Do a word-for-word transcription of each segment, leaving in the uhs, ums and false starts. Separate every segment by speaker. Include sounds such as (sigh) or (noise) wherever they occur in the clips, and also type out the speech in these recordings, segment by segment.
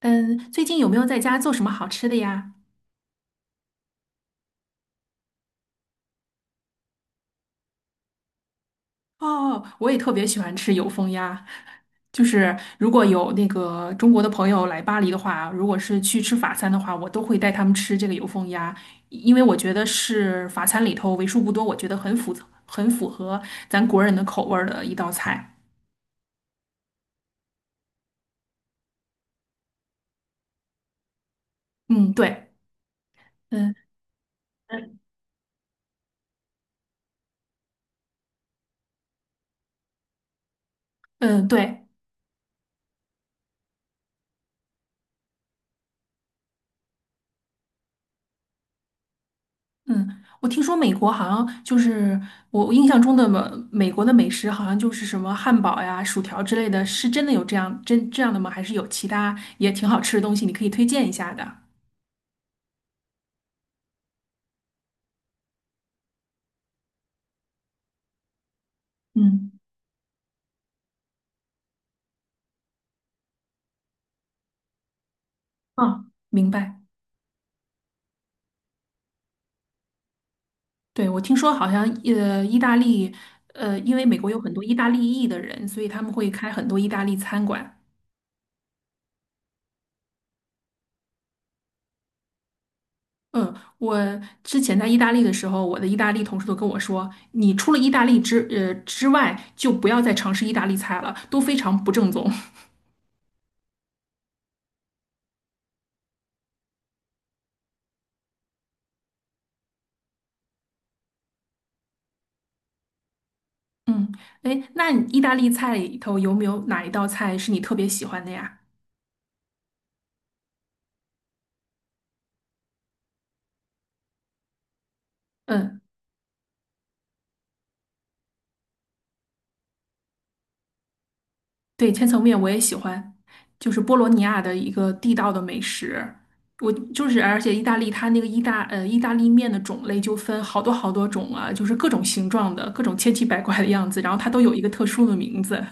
Speaker 1: 嗯，最近有没有在家做什么好吃的呀？哦，我也特别喜欢吃油封鸭，就是如果有那个中国的朋友来巴黎的话，如果是去吃法餐的话，我都会带他们吃这个油封鸭，因为我觉得是法餐里头为数不多，我觉得很符很符合咱国人的口味儿的一道菜。嗯，对，嗯嗯嗯，对。嗯，我听说美国好像就是我我印象中的美美国的美食，好像就是什么汉堡呀、薯条之类的，是真的有这样真这样的吗？还是有其他也挺好吃的东西，你可以推荐一下的？嗯，啊，明白。对，我听说好像呃，意大利呃，因为美国有很多意大利裔的人，所以他们会开很多意大利餐馆。嗯，我之前在意大利的时候，我的意大利同事都跟我说，你除了意大利之呃之外，就不要再尝试意大利菜了，都非常不正宗。嗯，哎，那你意大利菜里头有没有哪一道菜是你特别喜欢的呀？嗯，对，千层面我也喜欢，就是波罗尼亚的一个地道的美食。我就是，而且意大利它那个意大呃意大利面的种类就分好多好多种啊，就是各种形状的，各种千奇百怪的样子，然后它都有一个特殊的名字。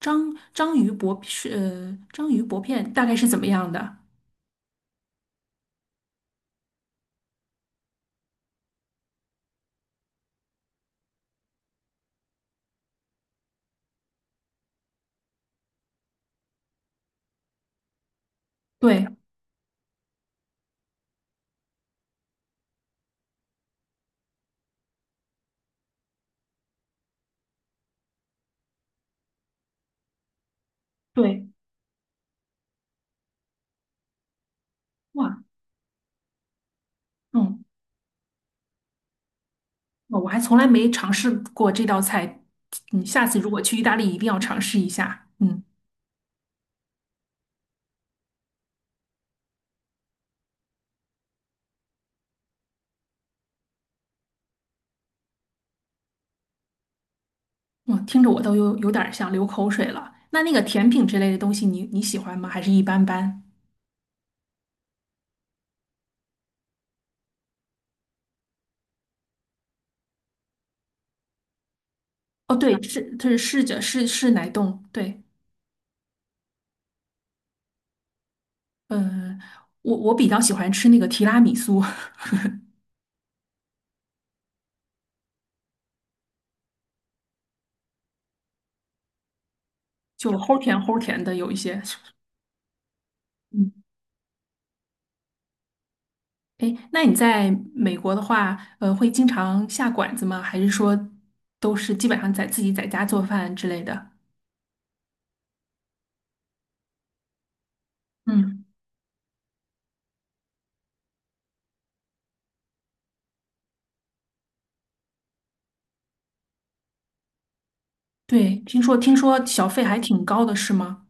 Speaker 1: 章章鱼薄是呃章鱼薄片大概是怎么样的？对对，哇，嗯。哦我还从来没尝试过这道菜，你下次如果去意大利一定要尝试一下。嗯，哇，听着我都有有点儿想流口水了。那那个甜品之类的东西你，你喜欢吗？还是一般般？哦，对，是它是是着是是奶冻，对，嗯、我我比较喜欢吃那个提拉米苏，(laughs) 就齁甜齁甜的有一些。嗯，哎，那你在美国的话，呃，会经常下馆子吗？还是说都是基本上在自己在家做饭之类的？嗯。对，听说听说小费还挺高的，是吗？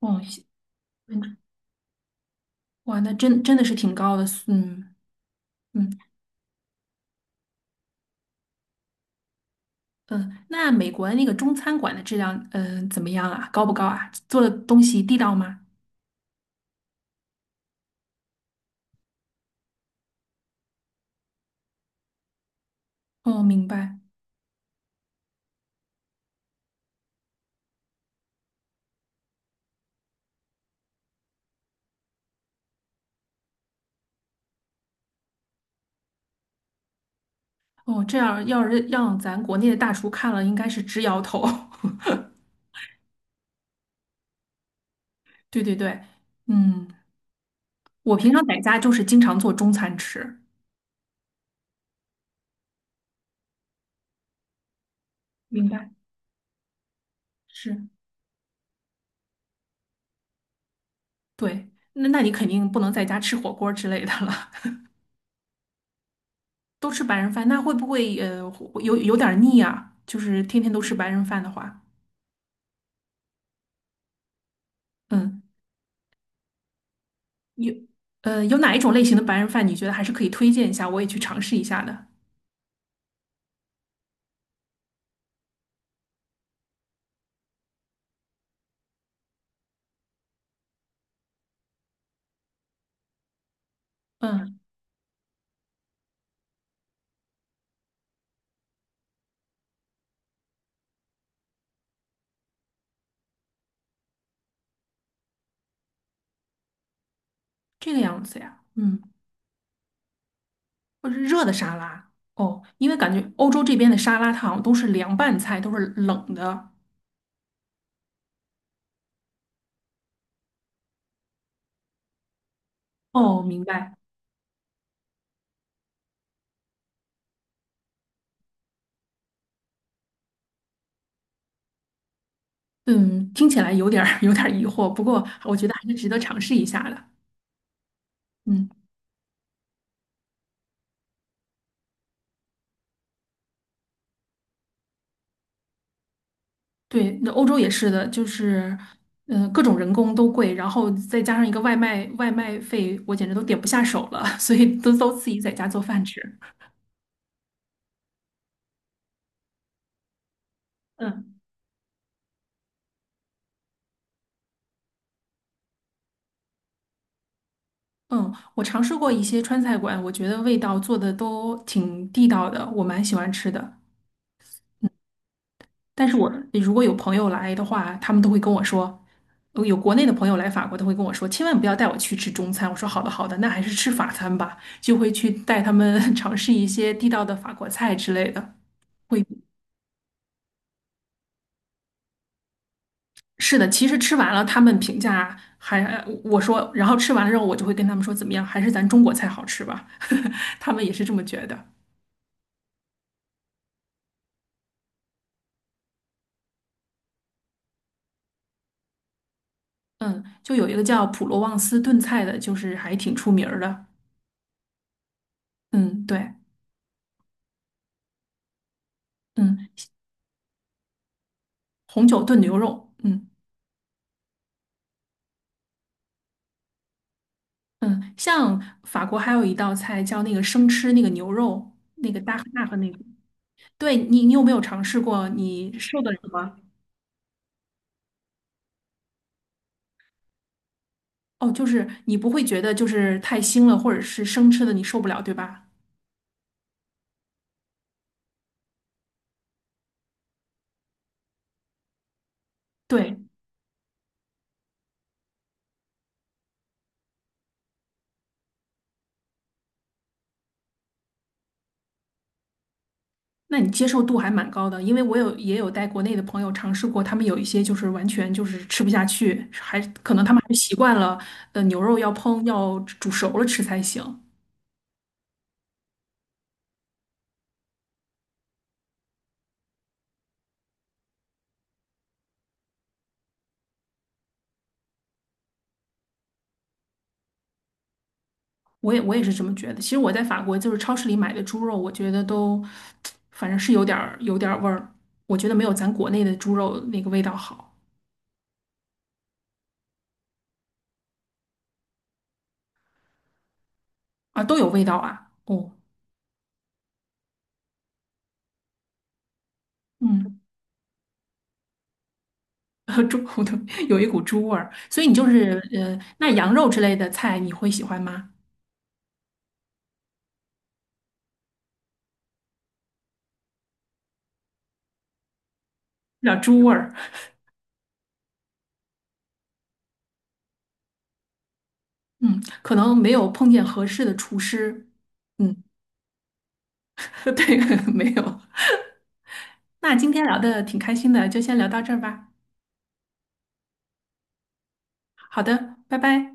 Speaker 1: 哦，嗯哇，那真真的是挺高的，嗯嗯嗯。呃那美国那个中餐馆的质量，嗯、怎么样啊？高不高啊？做的东西地道吗？哦，明白。哦，这样要是让咱国内的大厨看了，应该是直摇头。(laughs) 对对对，嗯，我平常在家就是经常做中餐吃，明白，是，对。那那你肯定不能在家吃火锅之类的了。都吃白人饭，那会不会呃有有点儿腻啊？就是天天都吃白人饭的话，嗯，有呃有哪一种类型的白人饭你觉得还是可以推荐一下，我也去尝试一下的？嗯，这个样子呀，嗯，或者是热的沙拉哦，因为感觉欧洲这边的沙拉它好像都是凉拌菜，都是冷的。哦，明白。嗯，听起来有点儿 (laughs) 有点儿疑惑，不过我觉得还是值得尝试一下的。嗯。对，那欧洲也是的，就是，嗯、各种人工都贵，然后再加上一个外卖，外卖费我简直都点不下手了，(laughs) 所以都都自己在家做饭吃。嗯嗯，我尝试过一些川菜馆，我觉得味道做的都挺地道的，我蛮喜欢吃的。但是我如果有朋友来的话，他们都会跟我说，呃有国内的朋友来法国，他会跟我说，千万不要带我去吃中餐。我说好的好的，那还是吃法餐吧，就会去带他们 (laughs) 尝试一些地道的法国菜之类的。会。是的，其实吃完了，他们评价还，我说，然后吃完了之后，我就会跟他们说怎么样，还是咱中国菜好吃吧，(laughs) 他们也是这么觉得。嗯，就有一个叫普罗旺斯炖菜的，就是还挺出名儿的。嗯，对，嗯，红酒炖牛肉，嗯嗯，像法国还有一道菜叫那个生吃那个牛肉，那个大大和那个，对你，你有没有尝试过？你受得了吗？哦，就是你不会觉得就是太腥了，或者是生吃的你受不了，对吧？对。那你接受度还蛮高的，因为我有也有带国内的朋友尝试过，他们有一些就是完全就是吃不下去，还可能他们还是习惯了，呃，牛肉要烹要煮熟了吃才行。我也我也是这么觉得。其实我在法国就是超市里买的猪肉，我觉得都反正是有点儿有点儿味儿，我觉得没有咱国内的猪肉那个味道好啊，都有味道啊。哦，嗯，(laughs) 猪骨头有一股猪味儿，所以你就是呃，那羊肉之类的菜你会喜欢吗？有点儿猪味儿。嗯，可能没有碰见合适的厨师。嗯，(laughs) 对，没有。(laughs) 那今天聊的挺开心的，就先聊到这儿吧。好的，拜拜。